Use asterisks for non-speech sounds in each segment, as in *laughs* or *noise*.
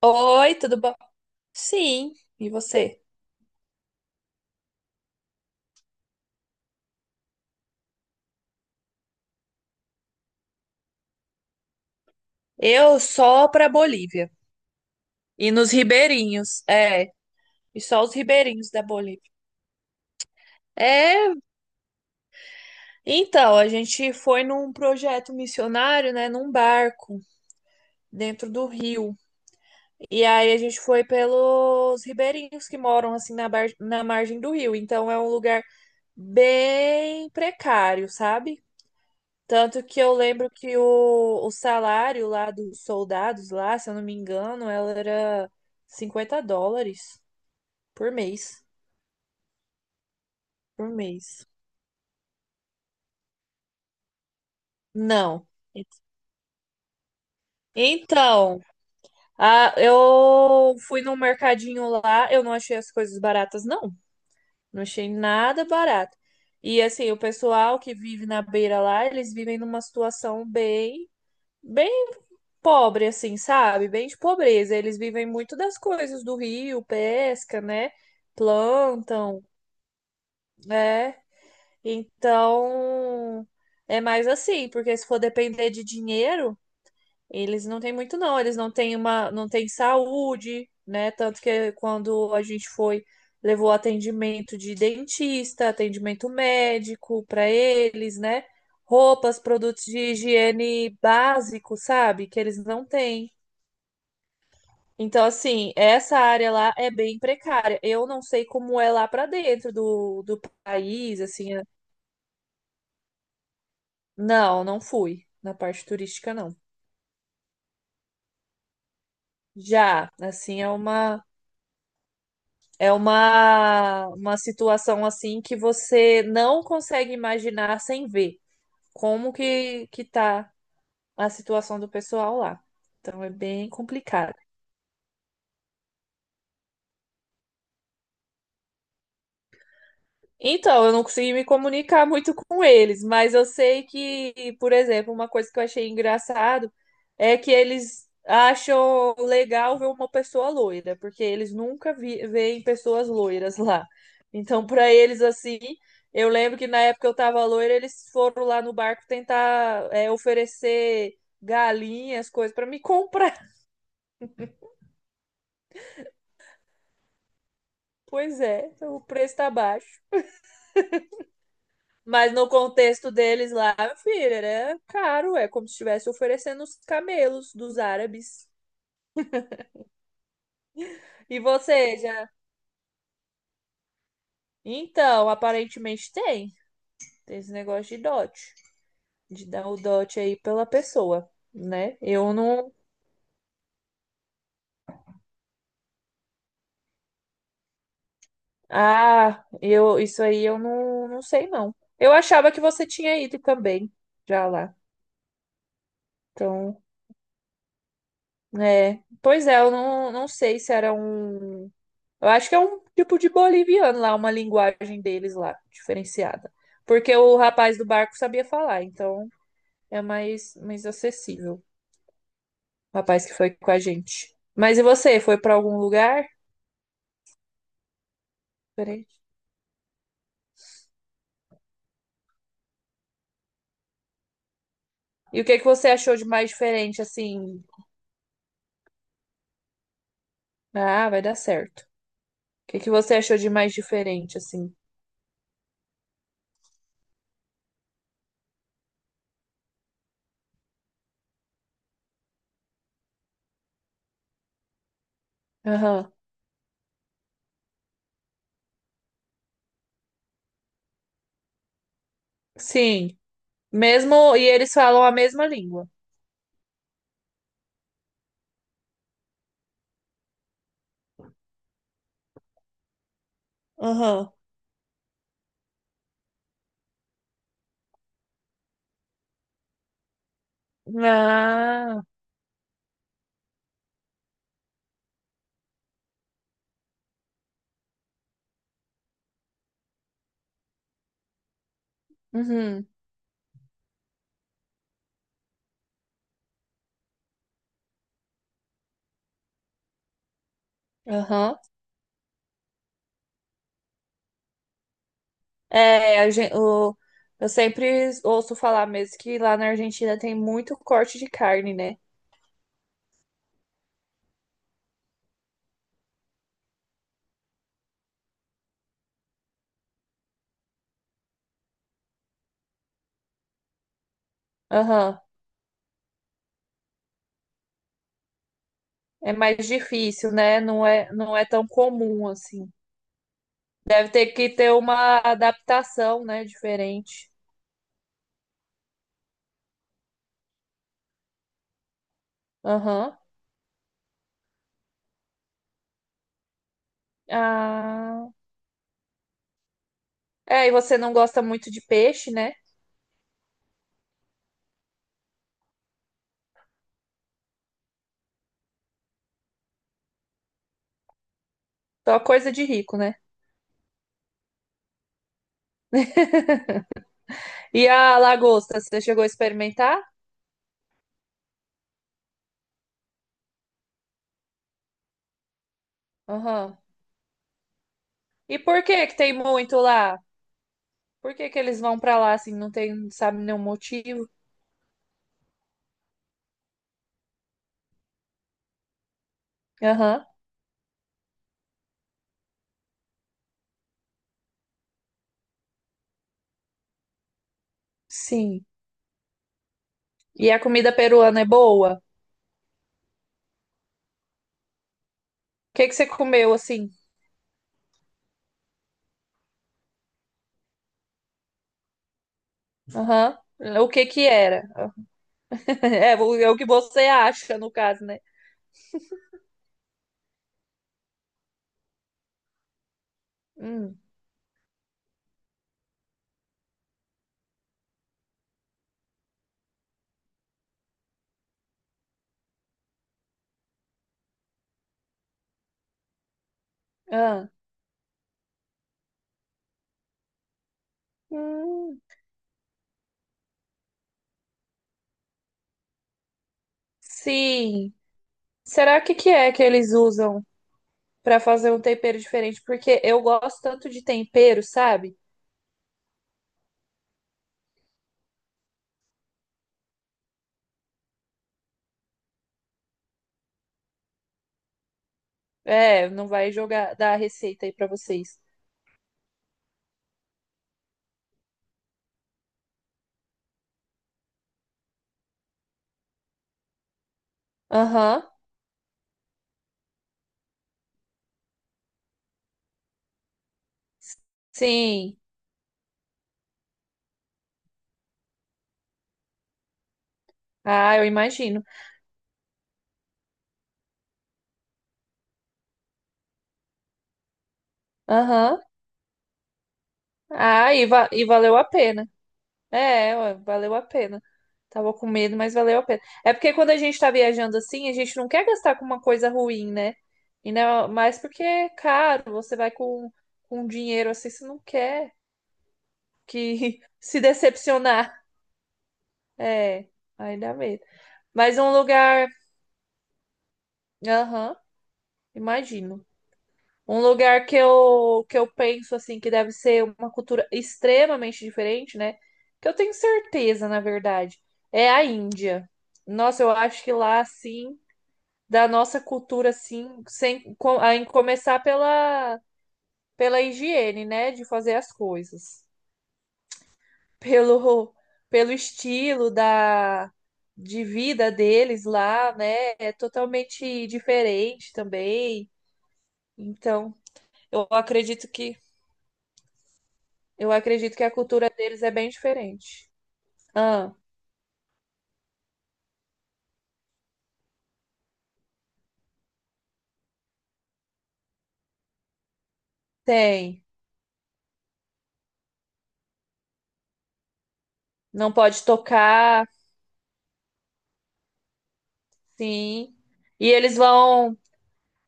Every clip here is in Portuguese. Oi, tudo bom? Sim, e você? Eu só pra Bolívia. E nos ribeirinhos, é. E só os ribeirinhos da Bolívia. É, então, a gente foi num projeto missionário, né, num barco dentro do rio. E aí a gente foi pelos ribeirinhos que moram assim na, na margem do rio. Então é um lugar bem precário, sabe? Tanto que eu lembro que o salário lá dos soldados lá, se eu não me engano, ela era 50 dólares por mês. Por mês. Não. Então, a, eu fui num mercadinho lá, eu não achei as coisas baratas, não. Não achei nada barato. E assim, o pessoal que vive na beira lá, eles vivem numa situação bem, bem pobre, assim, sabe? Bem de pobreza. Eles vivem muito das coisas do rio, pesca, né? Plantam, né? Então, é mais assim, porque se for depender de dinheiro, eles não têm muito, não. Eles não têm uma, não têm saúde, né? Tanto que quando a gente foi, levou atendimento de dentista, atendimento médico para eles, né? Roupas, produtos de higiene básico, sabe? Que eles não têm. Então, assim, essa área lá é bem precária. Eu não sei como é lá pra dentro do país, assim. É- Não, não fui na parte turística, não. Já, assim, é uma situação assim que você não consegue imaginar sem ver como que tá a situação do pessoal lá. Então, é bem complicado. Então, eu não consegui me comunicar muito com eles, mas eu sei que, por exemplo, uma coisa que eu achei engraçado é que eles acham legal ver uma pessoa loira, porque eles nunca vi- veem pessoas loiras lá. Então, para eles, assim, eu lembro que na época eu tava loira, eles foram lá no barco tentar, é, oferecer galinhas, coisas para me comprar. *laughs* Pois é, então o preço tá baixo. Mas no contexto deles lá, meu filho, era caro, é como se estivesse oferecendo os camelos dos árabes. E você já. Então, aparentemente tem. Tem esse negócio de dote. De dar o dote aí pela pessoa, né? Eu não. Ah, eu isso aí eu não, não sei, não. Eu achava que você tinha ido também já lá. Então, é. Pois é, eu não, não sei se era um. Eu acho que é um tipo de boliviano lá, uma linguagem deles lá, diferenciada. Porque o rapaz do barco sabia falar, então é mais, mais acessível. O rapaz que foi com a gente. Mas e você? Foi pra algum lugar diferente? E o que que você achou de mais diferente, assim? Ah, vai dar certo. O que que você achou de mais diferente, assim? Aham. Sim. Mesmo. E eles falam a mesma língua. Aham. Ah. Uhum. Aham. É, eu sempre ouço falar mesmo que lá na Argentina tem muito corte de carne, né? Aham. É mais difícil, né? Não é, não é tão comum assim. Deve ter que ter uma adaptação, né? Diferente. Aham. Ah. É, e você não gosta muito de peixe, né? Só coisa de rico, né? E a lagosta, você chegou a experimentar? Aham. E por que que tem muito lá? Por que que eles vão pra lá assim? Não tem, sabe, nenhum motivo? Aham. Sim. E a comida peruana é boa? O que que você comeu assim? Aham. O que que era? *laughs* É, o é o que você acha, no caso, né? Hum. Ah. Hum. Sim. Será que é que eles usam para fazer um tempero diferente? Porque eu gosto tanto de tempero, sabe? É, não vai jogar dar a receita aí para vocês. Aham. Sim. Ah, eu imagino. Aham. Ah, e valeu a pena. É, ué, valeu a pena. Tava com medo, mas valeu a pena. É porque quando a gente tá viajando assim, a gente não quer gastar com uma coisa ruim, né? E não, mas porque é caro, você vai com dinheiro assim, você não quer que *laughs* se decepcionar. É, aí dá medo. Mas um lugar. Aham, imagino. Um lugar que eu penso assim que deve ser uma cultura extremamente diferente, né? Que eu tenho certeza, na verdade, é a Índia. Nossa, eu acho que lá assim, da nossa cultura assim, sem com- a em começar pela pela higiene, né, de fazer as coisas, *laughs* pelo pelo estilo da de vida deles lá, né? É totalmente diferente também. Então, eu acredito que. Eu acredito que a cultura deles é bem diferente. Ah, tem. Não pode tocar, sim. E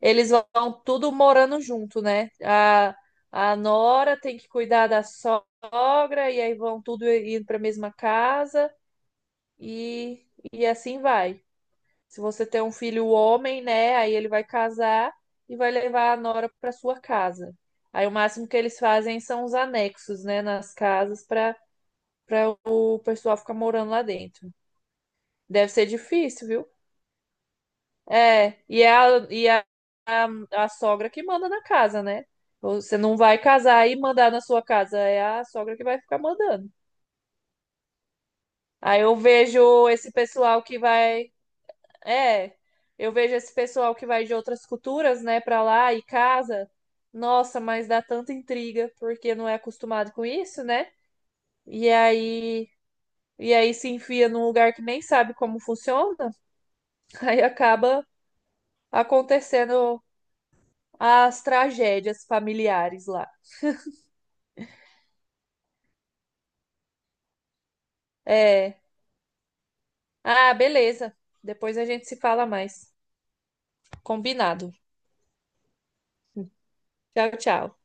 eles vão tudo morando junto, né? A nora tem que cuidar da sogra e aí vão tudo indo para a mesma casa e, e assim vai. Se você tem um filho homem, né? Aí ele vai casar e vai levar a nora para sua casa. Aí o máximo que eles fazem são os anexos, né, nas casas para para o pessoal ficar morando lá dentro. Deve ser difícil, viu? É, e é a, e a, a, a sogra que manda na casa, né? Você não vai casar e mandar na sua casa, é a sogra que vai ficar mandando. Aí eu vejo esse pessoal que vai, é, eu vejo esse pessoal que vai de outras culturas, né, para lá e casa. Nossa, mas dá tanta intriga porque não é acostumado com isso, né? E aí, e aí se enfia num lugar que nem sabe como funciona, *laughs* aí acaba acontecendo as tragédias familiares lá. É. Ah, beleza. Depois a gente se fala mais. Combinado. Tchau, tchau.